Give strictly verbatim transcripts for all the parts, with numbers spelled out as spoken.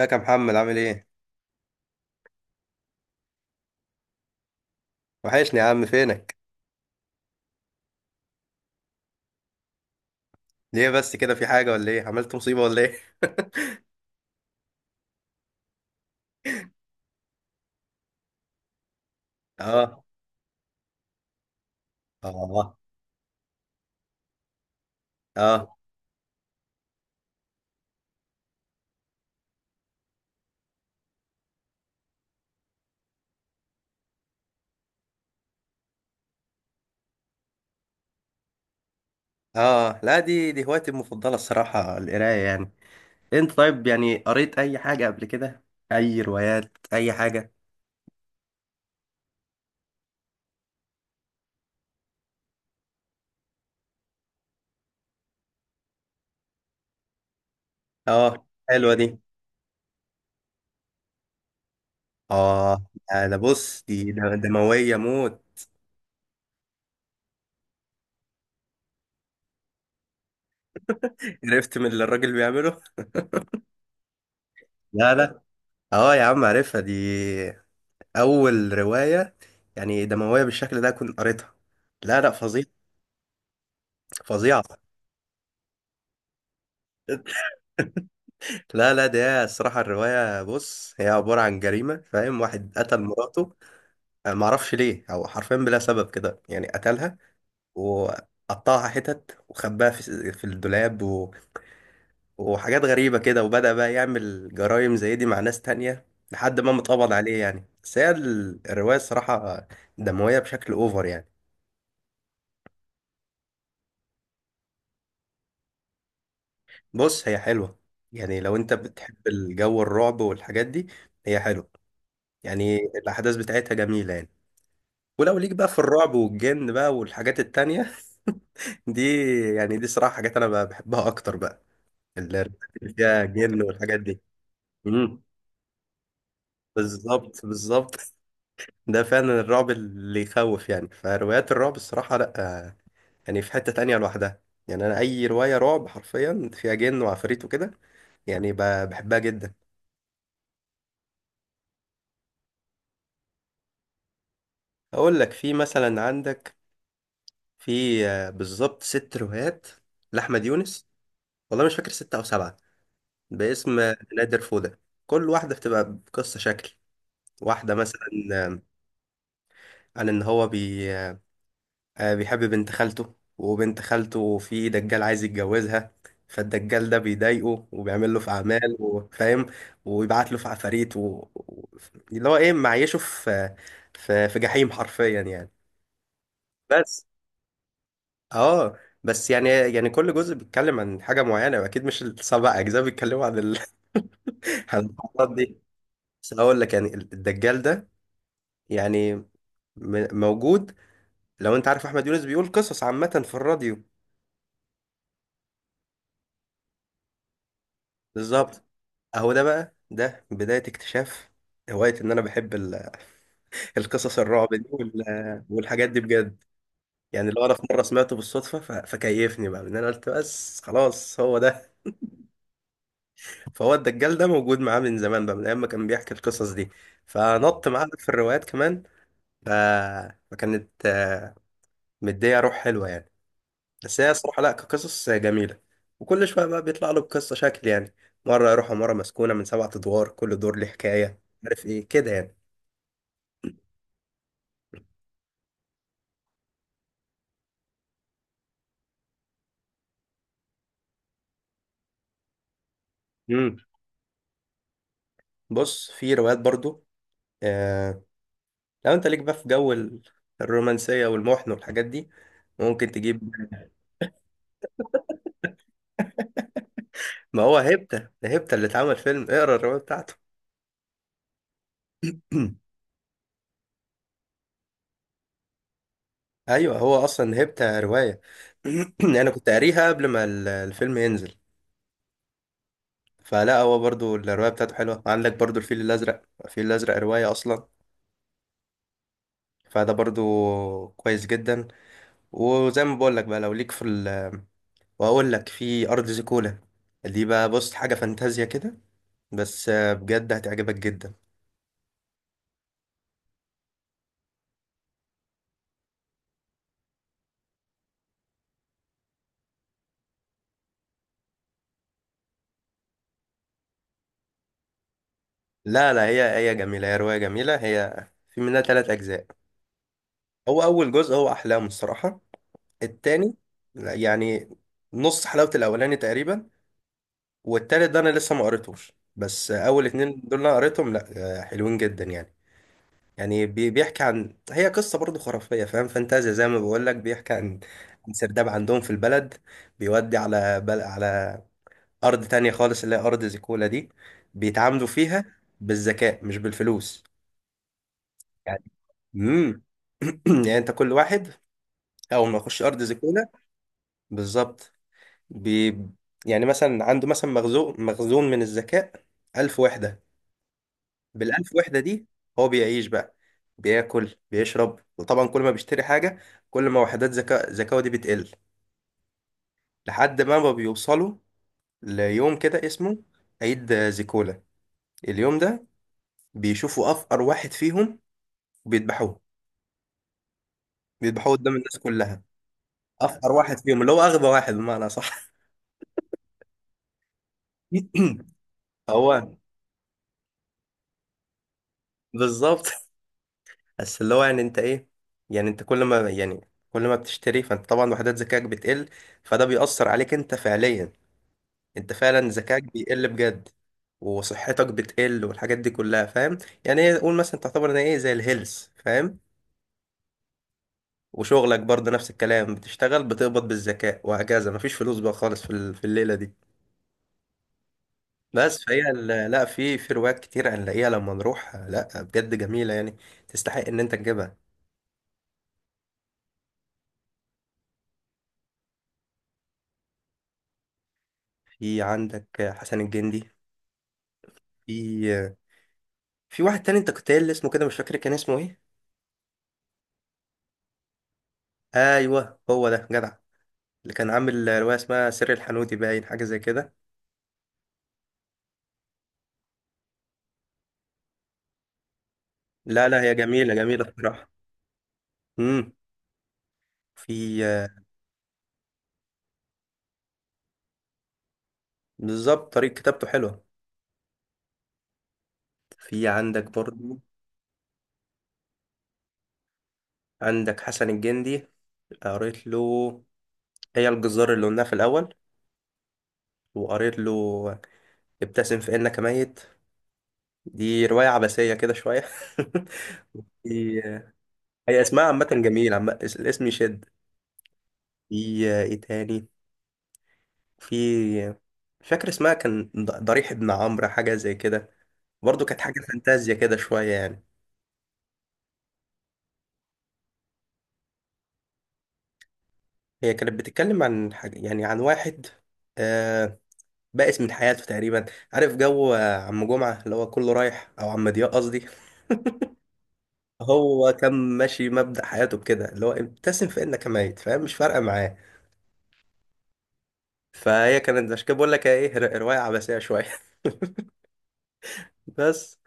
ازيك يا محمد، عامل ايه؟ وحشني يا عم، فينك؟ ليه بس كده، في حاجة ولا ايه؟ عملت مصيبة ولا ايه؟ اه. اه. اه. اه. لا، دي دي هوايتي المفضلة الصراحة، القراية يعني. انت طيب، يعني قريت اي حاجة قبل كده؟ اي روايات، اي حاجة؟ اه، حلوة دي. اه آه، ده بص، دي ده- دموية موت. عرفت من اللي الراجل بيعمله؟ لا، لا. اه يا عم عارفها دي، اول رواية يعني دموية بالشكل ده كنت قريتها. لا، لا، فظيعة. فظيعة. لا لا، ده الصراحة الرواية، بص هي عبارة عن جريمة، فاهم، واحد قتل مراته. أنا معرفش ليه، أو حرفيا بلا سبب كده يعني قتلها، وقطعها حتت، وخباها في, في الدولاب و... وحاجات غريبة كده، وبدأ بقى يعمل جرائم زي دي مع ناس تانية لحد ما متقبض عليه. يعني بس هي ال- الرواية الصراحة دموية بشكل أوفر يعني. بص هي حلوة، يعني لو أنت بتحب الجو الرعب والحاجات دي، هي حلوة، يعني الأحداث بتاعتها جميلة يعني. ولو ليك بقى في الرعب والجن بقى والحاجات التانية، دي، يعني دي صراحة حاجات أنا بقى بحبها أكتر بقى، اللي فيها جن والحاجات دي. امم. بالظبط، بالظبط. ده فعلا الرعب اللي يخوف يعني. فروايات الرعب الصراحة، لأ، آه، يعني في حتة تانية لوحدها. يعني أنا أي رواية رعب حرفيا فيها جن وعفاريت وكده، يعني ب- بحبها جدا. أقول لك، في مثلا، عندك في آه، بالظبط ست روايات لأحمد يونس، والله مش فاكر ستة أو سبعة، باسم نادر فودة. كل واحدة بتبقى بقصة شكل. واحدة مثلا عن إن هو بي... آه، بيحب بنت خالته، وبنت خالته في دجال عايز يتجوزها، فالدجال ده بيضايقه، وبيعمل له في أعمال وفاهم، ويبعت له في عفاريت و... و- اللي هو إيه معيشه في في في جحيم حرفيا يعني. بس اه بس يعني يعني كل جزء بيتكلم عن حاجة معينة، وأكيد مش السبع أجزاء بيتكلموا عن ال... عن الحوارات دي. بس هقول لك، يعني الدجال ده يعني م- موجود. لو انت عارف احمد يونس بيقول قصص عامة في الراديو، بالظبط. اهو ده بقى، ده بداية اكتشاف هواية ان انا بحب ال- القصص الرعب دي وال- والحاجات دي بجد. يعني لو انا في مرة سمعته بالصدفة ف- فكيفني بقى ان انا قلت بس خلاص، هو ده. فهو الدجال ده موجود معاه من زمان بقى، من ايام ما كان بيحكي القصص دي، فنط معاه في الروايات كمان. ف... فكانت آه، مدية روح حلوة يعني. بس هي الصراحة، لا، كقصص جميلة. وكل شوية بقى بيطلع له بقصة شكل يعني. مرة يروحوا مرة مسكونة من سبعة أدوار، كل دور ليه حكاية، عارف إيه كده يعني. امم. بص في روايات برضو، آه، لو أنت ليك بقى في جو ال- الرومانسية والمحن والحاجات دي، ممكن تجيب. ما هو هيبتا، ده هيبتا اللي اتعمل فيلم، اقرا الرواية بتاعته. أيوه، هو أصلا هيبتا رواية. أنا كنت قاريها قبل ما ال- الفيلم ينزل، فلا، هو برضو الرواية بتاعته حلوة. عندك برضو الفيل الأزرق، الفيل الأزرق رواية أصلا، فده برضو كويس جدا. وزي ما بقول لك بقى، لو ليك في ال وهقول لك في ارض زيكولا، دي بقى بص حاجه فانتازيا كده، بس آه، بجد هتعجبك جدا. لا، لا، هي هي جميله، هي روايه جميله، هي في منها ثلاث اجزاء. هو اول جزء هو احلام الصراحه. التاني، لا، يعني نص حلاوه الاولاني تقريبا. والتالت ده انا لسه ما قريتوش، بس آه، اول اتنين دول انا قريتهم، لا، آه، حلوين جدا يعني. يعني بي- بيحكي عن، هي قصة برضه خرافية فاهم، فانتازيا زي ما بقول لك. بيحكي عن عن سرداب عندهم في البلد، بيودي على بل... على أرض تانية خالص، اللي هي أرض زيكولا دي. بيتعاملوا فيها بالذكاء مش بالفلوس يعني. امم. يعني انت كل واحد أول ما يخش أرض زيكولا، بالظبط، بي... يعني مثلا عنده، مثلا، مخزون، مخزون من الذكاء، ألف وحدة. بالألف وحدة دي هو بيعيش بقى، بياكل، بيشرب. وطبعا كل ما بيشتري حاجة، كل ما وحدات ذكاء ذكائه دي بتقل، لحد ما ما بيوصلوا ليوم كده اسمه عيد زيكولا. اليوم ده بيشوفوا أفقر واحد فيهم وبيذبحوه، بيذبحوه قدام الناس كلها. أفقر واحد فيهم اللي هو أغبى واحد بمعنى صح. هو بالظبط. بس اللي هو يعني انت ايه، يعني انت كل ما يعني كل ما بتشتري، فانت طبعا وحدات ذكائك بتقل، فده بيأثر عليك انت فعليا. انت فعلا ذكاك بيقل بجد، وصحتك بتقل، والحاجات دي كلها فاهم. يعني ايه، قول مثلا تعتبر ان ايه، زي الهيلث فاهم. وشغلك برضه نفس الكلام، بتشتغل بتقبض بالذكاء، وهكذا. مفيش فلوس بقى خالص في ال- في الليله دي. بس فهي ال- لا، في في روايات كتير هنلاقيها لما نروح، لا بجد جميله يعني، تستحق ان انت تجيبها. في عندك حسن الجندي، في في واحد تاني انت كنت قايل لي اسمه، كده مش فاكر كان اسمه ايه. ايوه، هو ده جدع، اللي كان عامل روايه اسمها سر الحنوتي، باين حاجه زي كده. لا، لا، هي جميلة، جميلة بصراحة. امم. في آه، بالظبط طريقة كتابته حلوة. في عندك برضو، عندك حسن الجندي. قريت له هي الجزار اللي قلناها في الأول، وقريت له ابتسم فإنك ميت، دي رواية عبثية كده شوية. دي، آه، هي اسمها عامة جميل، عم... الاسم يشد. في آه، ايه تاني، في مش فاكر اسمها، كان ض- ضريح ابن عمرو، حاجة زي كده، برضو كانت حاجة فانتازيا كده شوية يعني. هي كانت بتتكلم عن حاجة يعني عن واحد، آه، بائس من حياته تقريبا. عارف جو آه، عم جمعة اللي هو كله رايح، أو عم ضياء قصدي. هو كان ماشي مبدأ حياته بكده، اللي هو ابتسم فإنك ميت، فاهم، مش فارقة معاه. فهي كانت عشان كده بقول لك إيه، ر- رواية عباسية شوية. بس.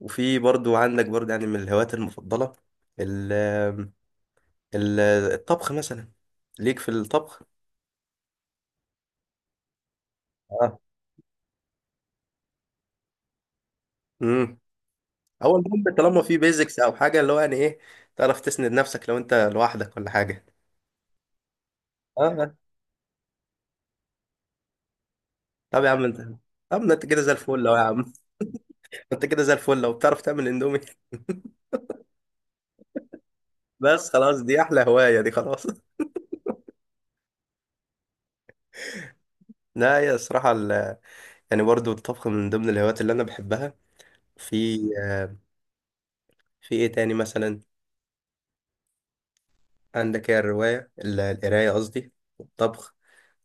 وفي برضو، عندك برضو يعني من الهوايات المفضلة ال ال- الطبخ مثلا. ليك في الطبخ؟ اه. هو المهم طالما في بيزكس او حاجه اللي هو يعني ايه، تعرف تسند نفسك لو انت لوحدك ولا حاجه. اه. طب يا عم انت، طب ما انت كده زي الفل لو يا عم. انت كده زي الفل لو بتعرف تعمل اندومي. بس خلاص، دي احلى هوايه دي، خلاص. لا، يا الصراحه ال... يعني برضو الطبخ من ضمن الهوايات اللي انا بحبها. في آه، في ايه تاني مثلا، عندك هي الروايه ال- القرايه قصدي، والطبخ،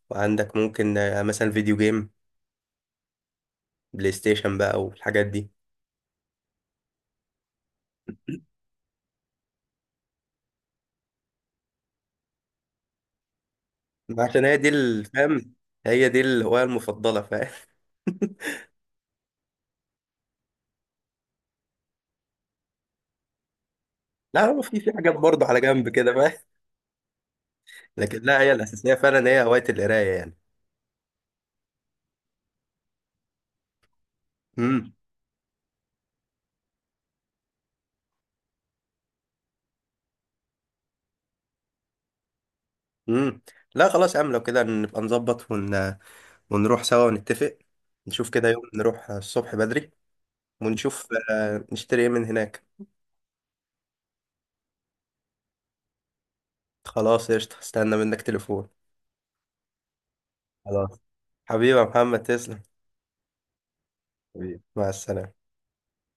وعندك ممكن آه، مثلا فيديو جيم، بلاي ستيشن بقى والحاجات دي. ما عشان هي دي الفهم، هي دي الهواية المفضلة فاهم. لا، هو في في حاجات برضه على جنب كده فاهم، لكن لا، هي الأساسية فعلا، هي هواية القراية يعني. امم. امم. لا خلاص يا عم، لو كده نبقى نظبط ون... ونروح سوا ونتفق. نشوف كده يوم نروح الصبح بدري، ونشوف آه، نشتري ايه من هناك. خلاص قشطة، استنى منك تليفون. خلاص، حبيبي يا محمد، تسلم. حبيبي، مع السلامة.